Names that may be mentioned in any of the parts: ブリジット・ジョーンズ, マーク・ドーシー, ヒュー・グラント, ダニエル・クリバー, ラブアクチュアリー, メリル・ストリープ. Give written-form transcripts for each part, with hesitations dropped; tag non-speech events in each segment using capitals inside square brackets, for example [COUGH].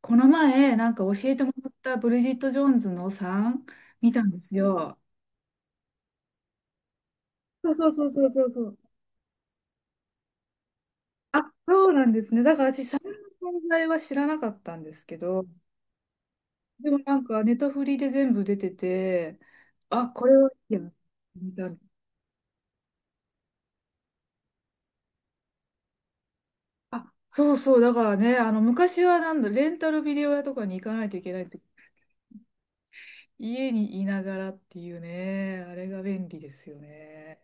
この前、なんか教えてもらったブリジット・ジョーンズのさん見たんですよ。そうそうそうそうそうそう。あ、そうなんですね。だから私、さんの存在は知らなかったんですけど、でもなんかネタフリで全部出てて、あ、これはいいや、見たんあ、そうそう、だからね、昔はなんだ、レンタルビデオ屋とかに行かないといけないって、家にいながらっていうね、あれが便利ですよね。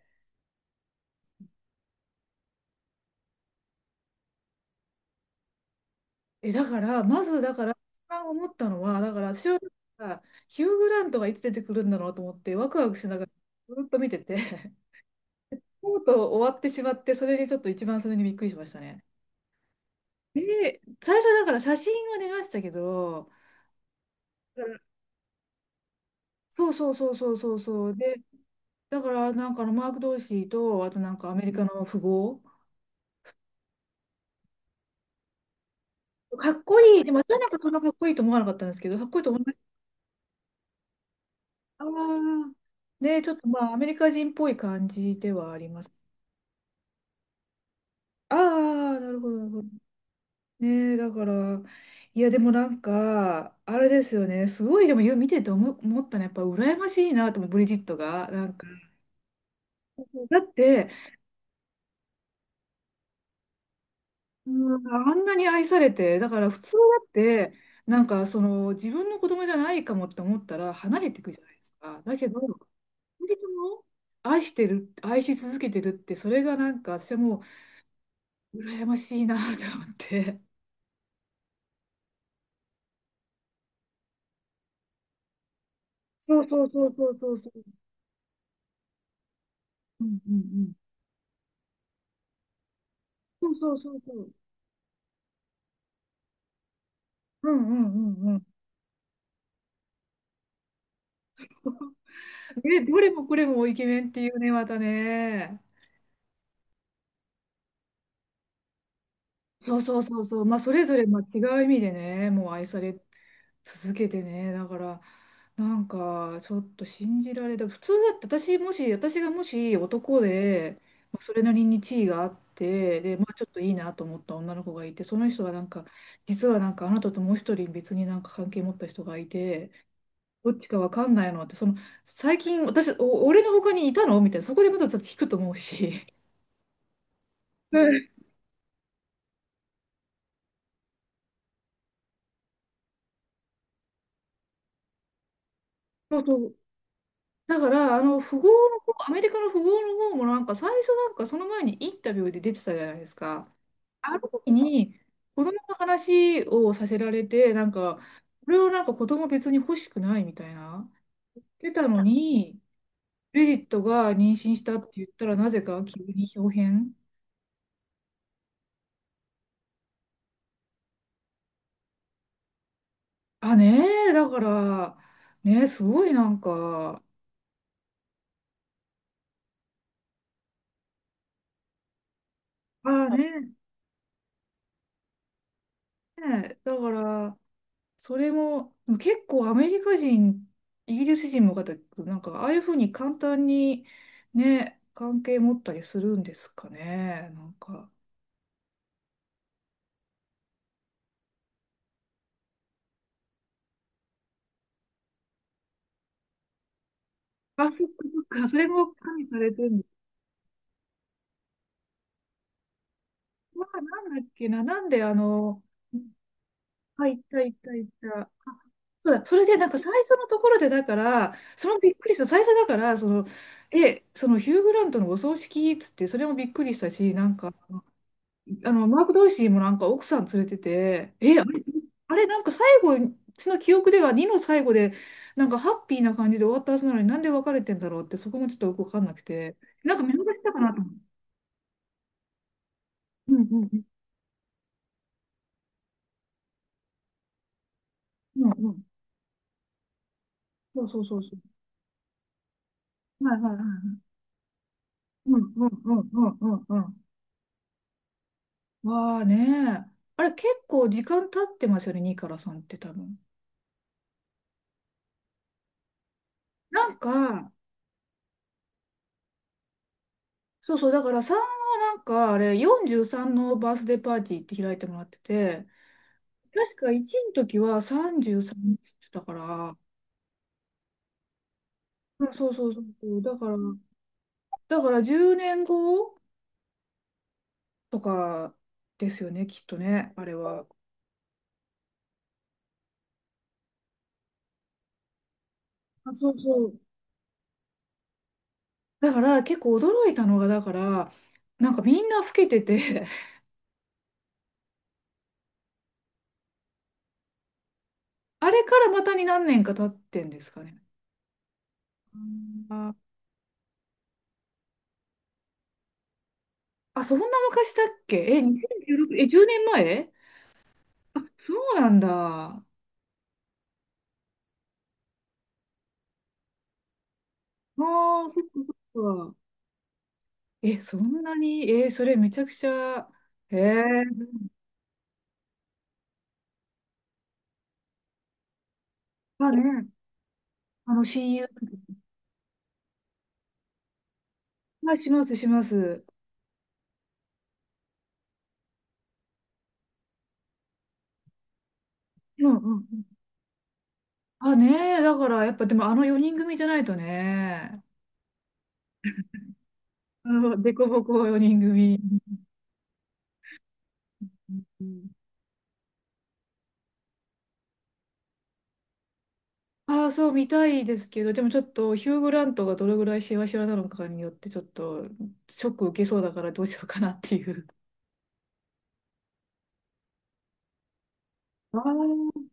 え、だから、まず、だから、一番思ったのは、だから、私は、ヒュー・グラントがいつ出てくるんだろうと思って、ワクワクしながら、ずっと見てて、[LAUGHS] とうとう終わってしまって、それにちょっと一番それにびっくりしましたね。で、最初だから写真は出ましたけど、うん、そうそうそうそうそうそう。で、だから、なんかマーク・ドーシーと、あとなんかアメリカの富豪。かっこいい。でも、私はなんかそんなかっこいいと思わなかったんですけど、かっこいいと思いました。あー、で、ちょっとまあ、アメリカ人っぽい感じではあります。ああ、なるほど、なるほど。ねえ、だから、いや、でもなんか、あれですよね、すごい、でもよ見てて思ったのは、やっぱ羨ましいなと思う、ブリジットが。なんか、だって、うん、あんなに愛されて、だから普通だって、なんか、その、自分の子供じゃないかもって思ったら、離れていくじゃないですか。だけど、恋人とも愛してる、愛し続けてるって、それがなんか、私はもう、羨ましいなと思って。そうそうそうそうそうそう。うんうんうん。そうそうそうそう。うんうんうんうん。ね、どれもこれもイケメンっていうね、またね。そうそうそうそう。まあ、それぞれ、まあ、違う意味でね、もう愛され続けてね。だから、なんか、ちょっと信じられた。普通だって、私、もし、私がもし男で、まあそれなりに地位があって、で、まあ、ちょっといいなと思った女の子がいて、その人がなんか、実はなんか、あなたともう一人別になんか関係持った人がいて、どっちかわかんないのって、その、最近、私、お、俺の他にいたのみたいな、そこでまた聞くと思うし。うん、そうそう。だから、富豪の方、アメリカの富豪の方もなんか、最初なんか、その前にインタビューで出てたじゃないですか。あるの時に、子供の話をさせられて、なんか、これをなんか子供別に欲しくないみたいな、出たのに、ブリジットが妊娠したって言ったら、なぜか急に豹変。あ、ねえ、だから、ねえ、すごいなんか、ああね、ね、だから、それも、でも結構アメリカ人、イギリス人も方、なんか、ああいうふうに簡単にね、関係持ったりするんですかね、なんか。あ、そっかそっか、それも加味されてるんです。まあ、なんだっけな、なんであ、いったいったいった。あ、そうだ、それでなんか最初のところで、だから、そのびっくりした、最初だから、その、え、そのヒュー・グラントのお葬式っつって、それもびっくりしたし、なんか、マーク・ドーシーもなんか奥さん連れてて、え、あれ、あれなんか最後、その記憶では2の最後で、なんかハッピーな感じで終わったはずなのになんで別れてんだろうって、そこもちょっとよくわかんなくて、なんか見逃したかなと思って。うんうんうんうんうん。そうそうそうそう。はいはいはい。うんうんうんうんうんうん。わあね、あれ結構時間経ってますよね、2から3って多分。なんか、そうそう、だから3はなんかあれ43のバースデーパーティーって開いてもらってて、確か1の時は33って言ってたから、うん、そうそうそうそう、だから、だから10年後とかですよね、きっとね、あれは。あ、そうそう。だから結構驚いたのが、だから、なんかみんな老けてて [LAUGHS] あれからまたに何年か経ってんですかね。あ、あ、そんな昔だっけ、え、2016、え、10年前、あ、そうなんだ。ああ、そっかそっか。え、そんなに、えー、それめちゃくちゃ、えー、あね、あの親友、はいします、します。うんうん。あ、ねえ、だからやっぱでもあの4人組じゃないとね、あのデコボコ4人組。ああ、そう見たいですけど、でもちょっとヒュー・グラントがどれぐらいシワシワなのかによってちょっとショック受けそうだからどうしようかなっていう。あー、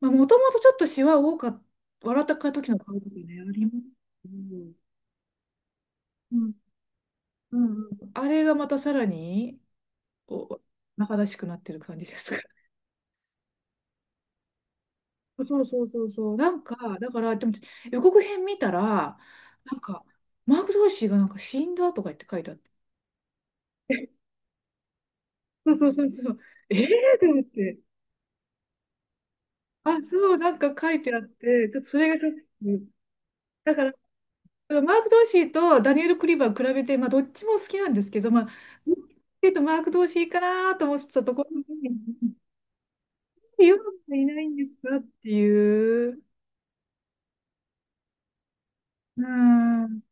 まあ、もともとちょっとシワ多かった、笑った時の顔とかね、ありますけど。うんうんうんうん、あれがまたさらにお、中だしくなってる感じですか？そうそうそうそう。なんか、だから、でも予告編見たら、なんか、マーク・ドーシーがなんか死んだとか言って書いてあって。[LAUGHS] そうそうそうそう。ええー、と思って。あ、そう、なんか書いてあって、ちょっとそれがちょっと、だから、だからマーク・ドーシーとダニエル・クリバー比べて、まあ、どっちも好きなんですけど、まあ、どっちかっていうとマーク・ドーシーかなと思ってたところに、ヨナがいないんですかっていう。うん。ああ。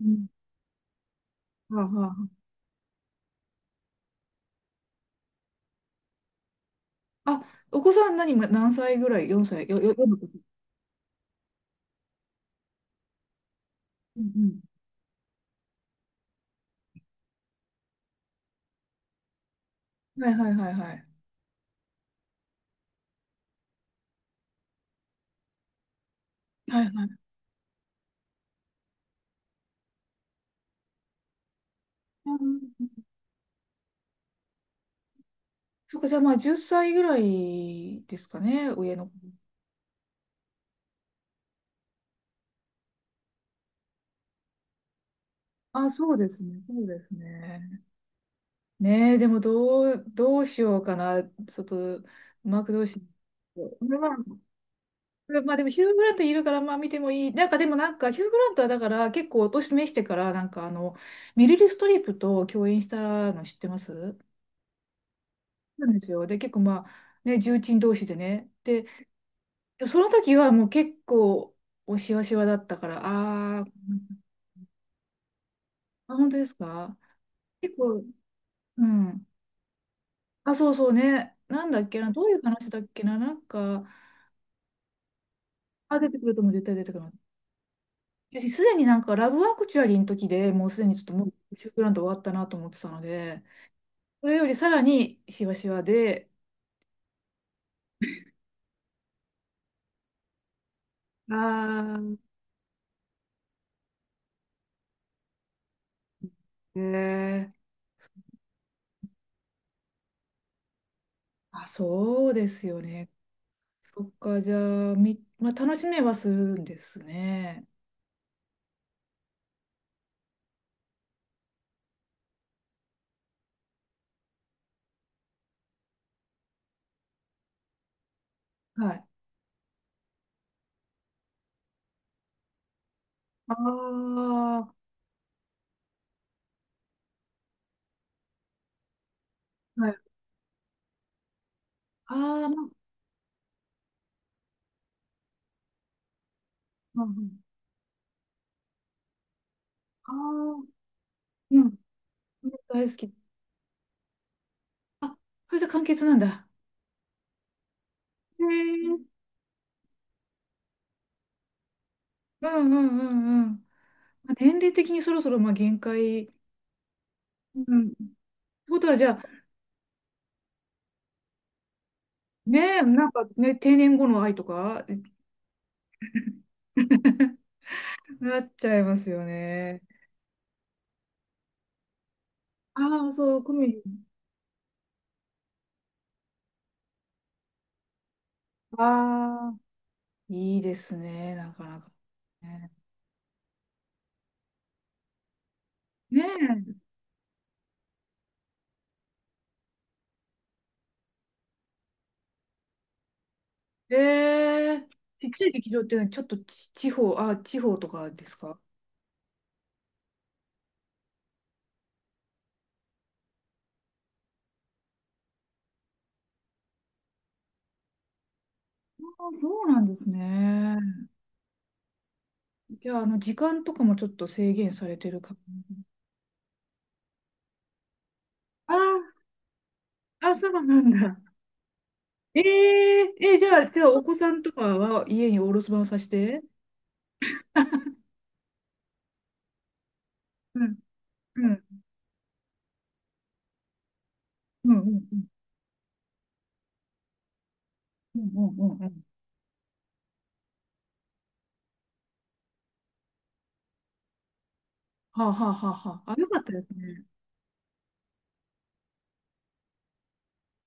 うん、はあはあ、あ、お子さん何、ま、何歳ぐらい？ 4 歳よ、よ、よんの時うんうん。はいはいはいはい。はいはい。うん、そっか、じゃあまあ10歳ぐらいですかね、上の子。あ、そうですね、そうですね。ねえ、でもどう、どうしようかな、ちょっと、マークどうしよう。まあ、まあでもヒュー・グラントいるから、まあ見てもいい。なんかでもなんか、ヒュー・グラントはだから結構お年めしてから、なんかメリル・ストリープと共演したの知ってます？そうなんですよ。で、結構まあ、ね、重鎮同士でね。で、その時はもう結構、おしわしわだったから、あー、あ、本当ですか？結構、うん。あ、そうそうね。なんだっけな、どういう話だっけな、なんか、あ、出てくるとも絶対出てくる。私、すでになんか、ラブアクチュアリーの時でもうすでにちょっともう、シュークランド終わったなと思ってたので、それよりさらにしわしわで、ああ、えー、あ、そうですよね。そっか、じゃあ、み、まあ、楽しめはするんですね。はい。ああ、はい。ああ、まあ、うん、ああ、うん、大好き。それじゃ簡潔なんだ。へえ。うんうんうんうん。まあ年齢的にそろそろまあ限界。うん。ってことは、じゃあ、ねえ、なんかね、定年後の愛とか [LAUGHS]、なっちゃいますよね。ああ、そう、コメディ。ああ、いいですね、なかなか。ね、ねえ、ええ、ちっちゃい劇場っていうのはちょっとち、地方、あ、地方とかですか？ああ、そうなんですね。じゃあ、時間とかもちょっと制限されてるか。ああ、あ、そうなんだ。え、ええ、じゃあ、じゃあ、お子さんとかは家にお留守番させて。うん、うん。うん、うん、うん、うん、うん。うん、はあ、はあはあはあ。あ、よかったですね。